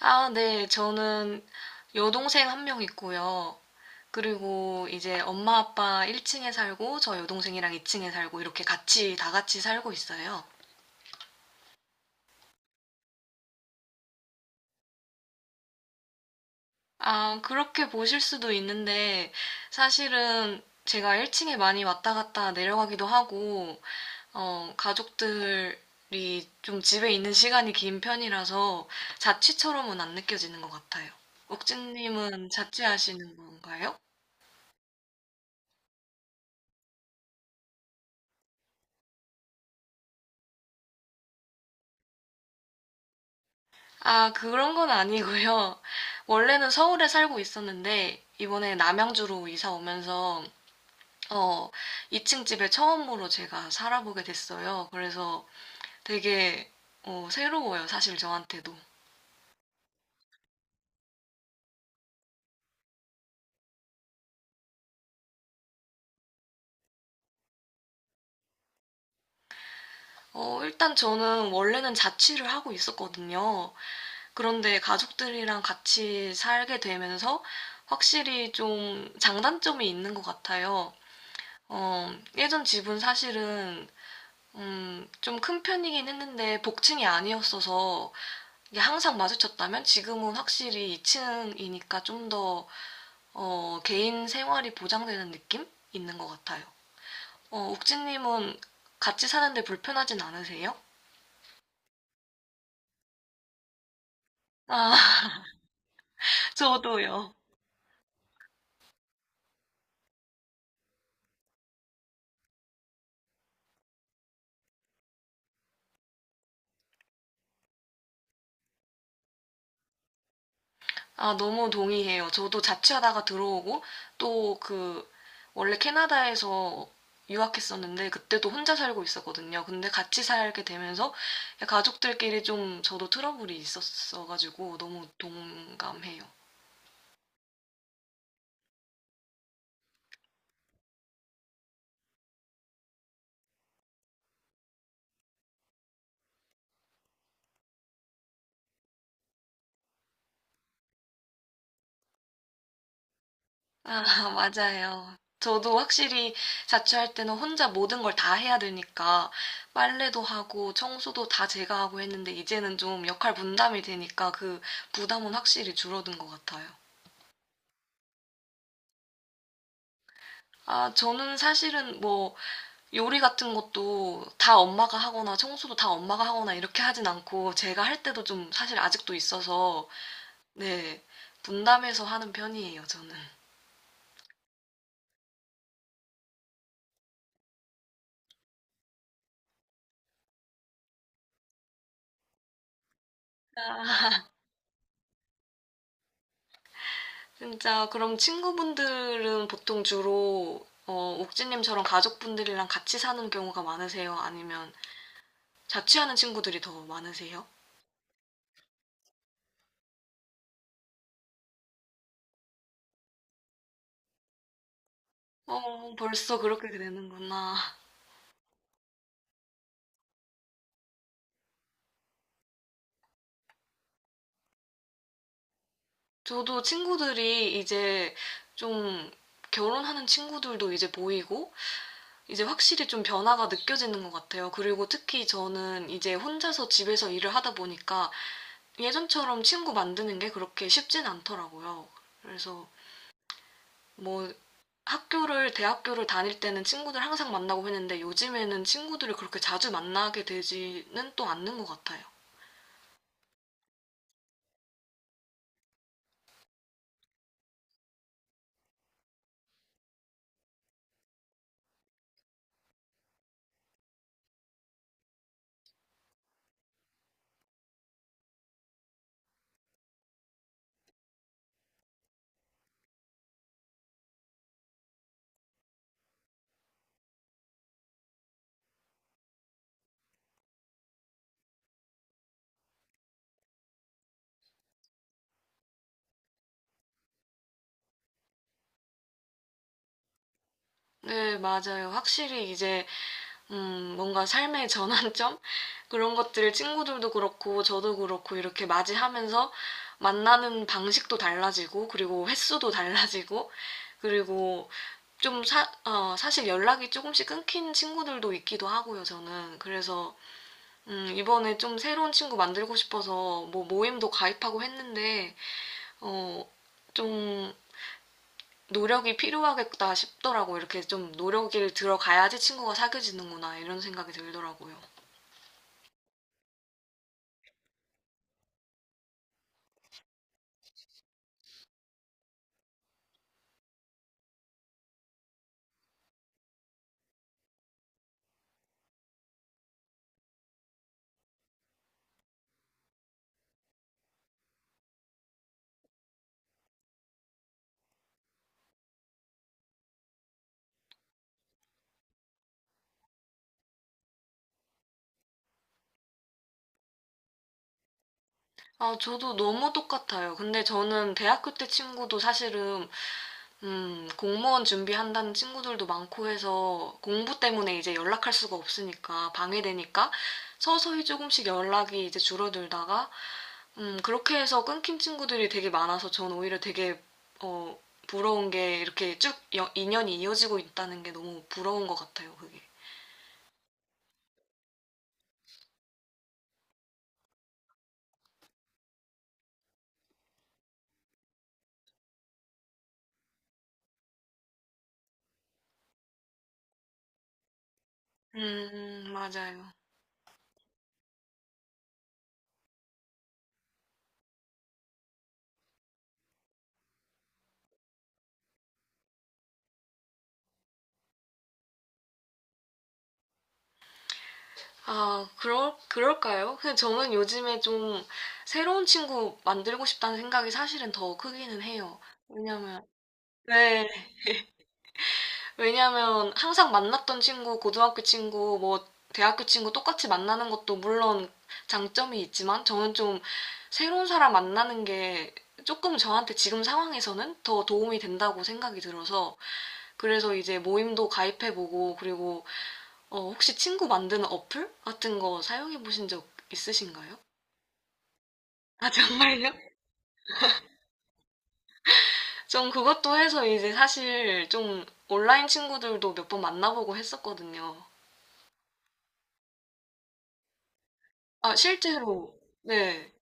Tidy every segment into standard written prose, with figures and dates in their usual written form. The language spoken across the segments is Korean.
아, 네. 저는 여동생 한 명 있고요. 그리고 이제 엄마 아빠 1층에 살고 저 여동생이랑 2층에 살고 이렇게 같이 다 같이 살고 있어요. 아, 그렇게 보실 수도 있는데 사실은 제가 1층에 많이 왔다 갔다 내려가기도 하고 가족들이 좀 집에 있는 시간이 긴 편이라서 자취처럼은 안 느껴지는 것 같아요. 옥진님은 자취하시는 건가요? 아, 그런 건 아니고요. 원래는 서울에 살고 있었는데, 이번에 남양주로 이사 오면서, 어, 2층 집에 처음으로 제가 살아보게 됐어요. 그래서 되게, 새로워요, 사실 저한테도. 일단 저는 원래는 자취를 하고 있었거든요. 그런데 가족들이랑 같이 살게 되면서 확실히 좀 장단점이 있는 것 같아요. 어, 예전 집은 사실은 좀 큰 편이긴 했는데 복층이 아니었어서 이게 항상 마주쳤다면 지금은 확실히 2층이니까 좀 더 개인 생활이 보장되는 느낌 있는 것 같아요. 욱진님은 같이 사는데 불편하진 않으세요? 아, 저도요. 아, 너무 동의해요. 저도 자취하다가 들어오고 또 그 원래 캐나다에서 유학했었는데 그때도 혼자 살고 있었거든요. 근데 같이 살게 되면서 가족들끼리 좀 저도 트러블이 있었어가지고 너무 동감해요. 아, 맞아요. 저도 확실히 자취할 때는 혼자 모든 걸 다 해야 되니까 빨래도 하고 청소도 다 제가 하고 했는데 이제는 좀 역할 분담이 되니까 그 부담은 확실히 줄어든 것 같아요. 아, 저는 사실은 뭐 요리 같은 것도 다 엄마가 하거나 청소도 다 엄마가 하거나 이렇게 하진 않고 제가 할 때도 좀 사실 아직도 있어서 네, 분담해서 하는 편이에요, 저는. 진짜 그럼 친구분들은 보통 주로 옥진님처럼 가족분들이랑 같이 사는 경우가 많으세요? 아니면 자취하는 친구들이 더 많으세요? 벌써 그렇게 되는구나. 저도 친구들이 이제 좀 결혼하는 친구들도 이제 보이고 이제 확실히 좀 변화가 느껴지는 것 같아요. 그리고 특히 저는 이제 혼자서 집에서 일을 하다 보니까 예전처럼 친구 만드는 게 그렇게 쉽진 않더라고요. 그래서 뭐 학교를, 대학교를 다닐 때는 친구들 항상 만나고 했는데 요즘에는 친구들을 그렇게 자주 만나게 되지는 또 않는 것 같아요. 네, 맞아요. 확실히 이제 뭔가 삶의 전환점? 그런 것들을 친구들도 그렇고, 저도 그렇고, 이렇게 맞이하면서 만나는 방식도 달라지고, 그리고 횟수도 달라지고, 그리고 사실 연락이 조금씩 끊긴 친구들도 있기도 하고요, 저는. 그래서, 이번에 좀 새로운 친구 만들고 싶어서 뭐 모임도 가입하고 했는데, 어, 좀 노력이 필요하겠다 싶더라고요. 이렇게 좀 노력을 들어가야지 친구가 사귀어지는구나, 이런 생각이 들더라고요. 아, 저도 너무 똑같아요. 근데 저는 대학교 때 친구도 사실은, 공무원 준비한다는 친구들도 많고 해서 공부 때문에 이제 연락할 수가 없으니까, 방해되니까 서서히 조금씩 연락이 이제 줄어들다가, 그렇게 해서 끊긴 친구들이 되게 많아서 전 오히려 되게, 어, 부러운 게 이렇게 쭉 인연이 이어지고 있다는 게 너무 부러운 것 같아요, 그게. 맞아요. 그럴까요? 근데 저는 요즘에 좀 새로운 친구 만들고 싶다는 생각이 사실은 더 크기는 해요. 왜냐면, 네, 왜냐면 항상 만났던 친구, 고등학교 친구, 뭐, 대학교 친구 똑같이 만나는 것도 물론 장점이 있지만 저는 좀 새로운 사람 만나는 게 조금 저한테 지금 상황에서는 더 도움이 된다고 생각이 들어서 그래서 이제 모임도 가입해보고 그리고 혹시 친구 만드는 어플 같은 거 사용해 보신 적 있으신가요? 아, 정말요? 전 그것도 해서 이제 사실 좀 온라인 친구들도 몇 번 만나보고 했었거든요. 아, 실제로, 네.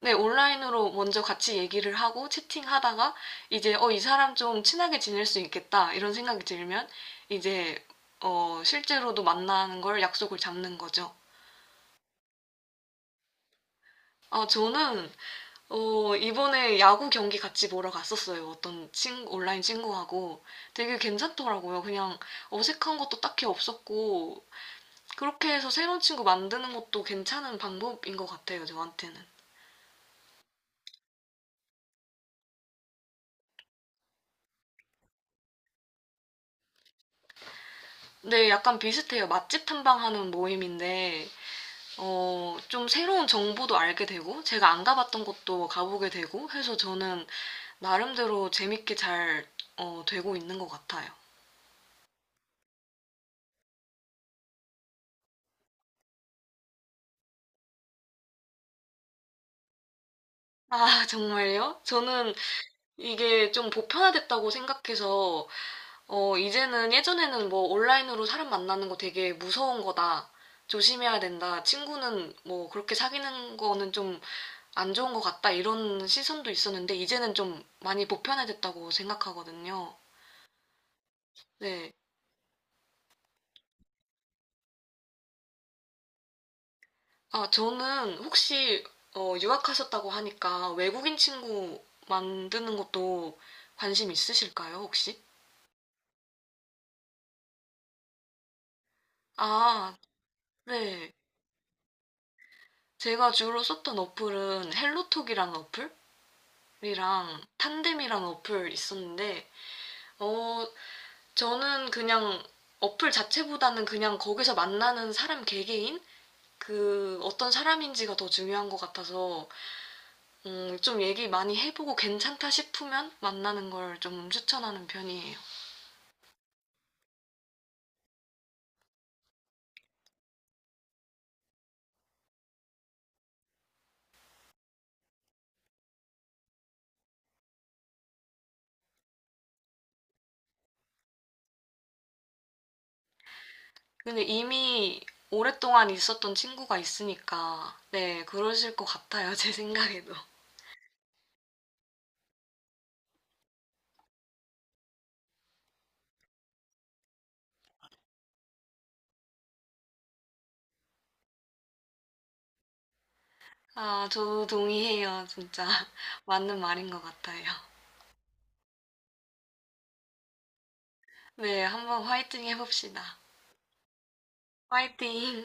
네, 온라인으로 먼저 같이 얘기를 하고 채팅하다가 이제 이 사람 좀 친하게 지낼 수 있겠다 이런 생각이 들면 이제 실제로도 만나는 걸 약속을 잡는 거죠. 아, 저는 이번에 야구 경기 같이 보러 갔었어요. 온라인 친구하고 되게 괜찮더라고요. 그냥 어색한 것도 딱히 없었고, 그렇게 해서 새로운 친구 만드는 것도 괜찮은 방법인 것 같아요, 저한테는. 근데 약간 비슷해요. 맛집 탐방하는 모임인데, 좀 새로운 정보도 알게 되고, 제가 안 가봤던 곳도 가보게 되고 해서 저는 나름대로 재밌게 잘, 되고 있는 것 같아요. 아, 정말요? 저는 이게 좀 보편화됐다고 생각해서, 이제는 예전에는 뭐 온라인으로 사람 만나는 거 되게 무서운 거다. 조심해야 된다. 친구는 뭐 그렇게 사귀는 거는 좀 안 좋은 것 같다 이런 시선도 있었는데 이제는 좀 많이 보편화됐다고 생각하거든요. 네. 아, 저는 혹시 유학하셨다고 하니까 외국인 친구 만드는 것도 관심 있으실까요, 혹시? 아, 네. 제가 주로 썼던 어플은 헬로톡이라는 어플이랑 탄뎀이라는 어플 있었는데, 어, 저는 그냥 어플 자체보다는 그냥 거기서 만나는 사람 개개인? 그 어떤 사람인지가 더 중요한 것 같아서 좀 얘기 많이 해보고 괜찮다 싶으면 만나는 걸 좀 추천하는 편이에요. 근데 이미 오랫동안 있었던 친구가 있으니까 네 그러실 것 같아요 제 생각에도. 아 저도 동의해요 진짜 맞는 말인 것 같아요. 네 한번 화이팅 해봅시다. 화이팅.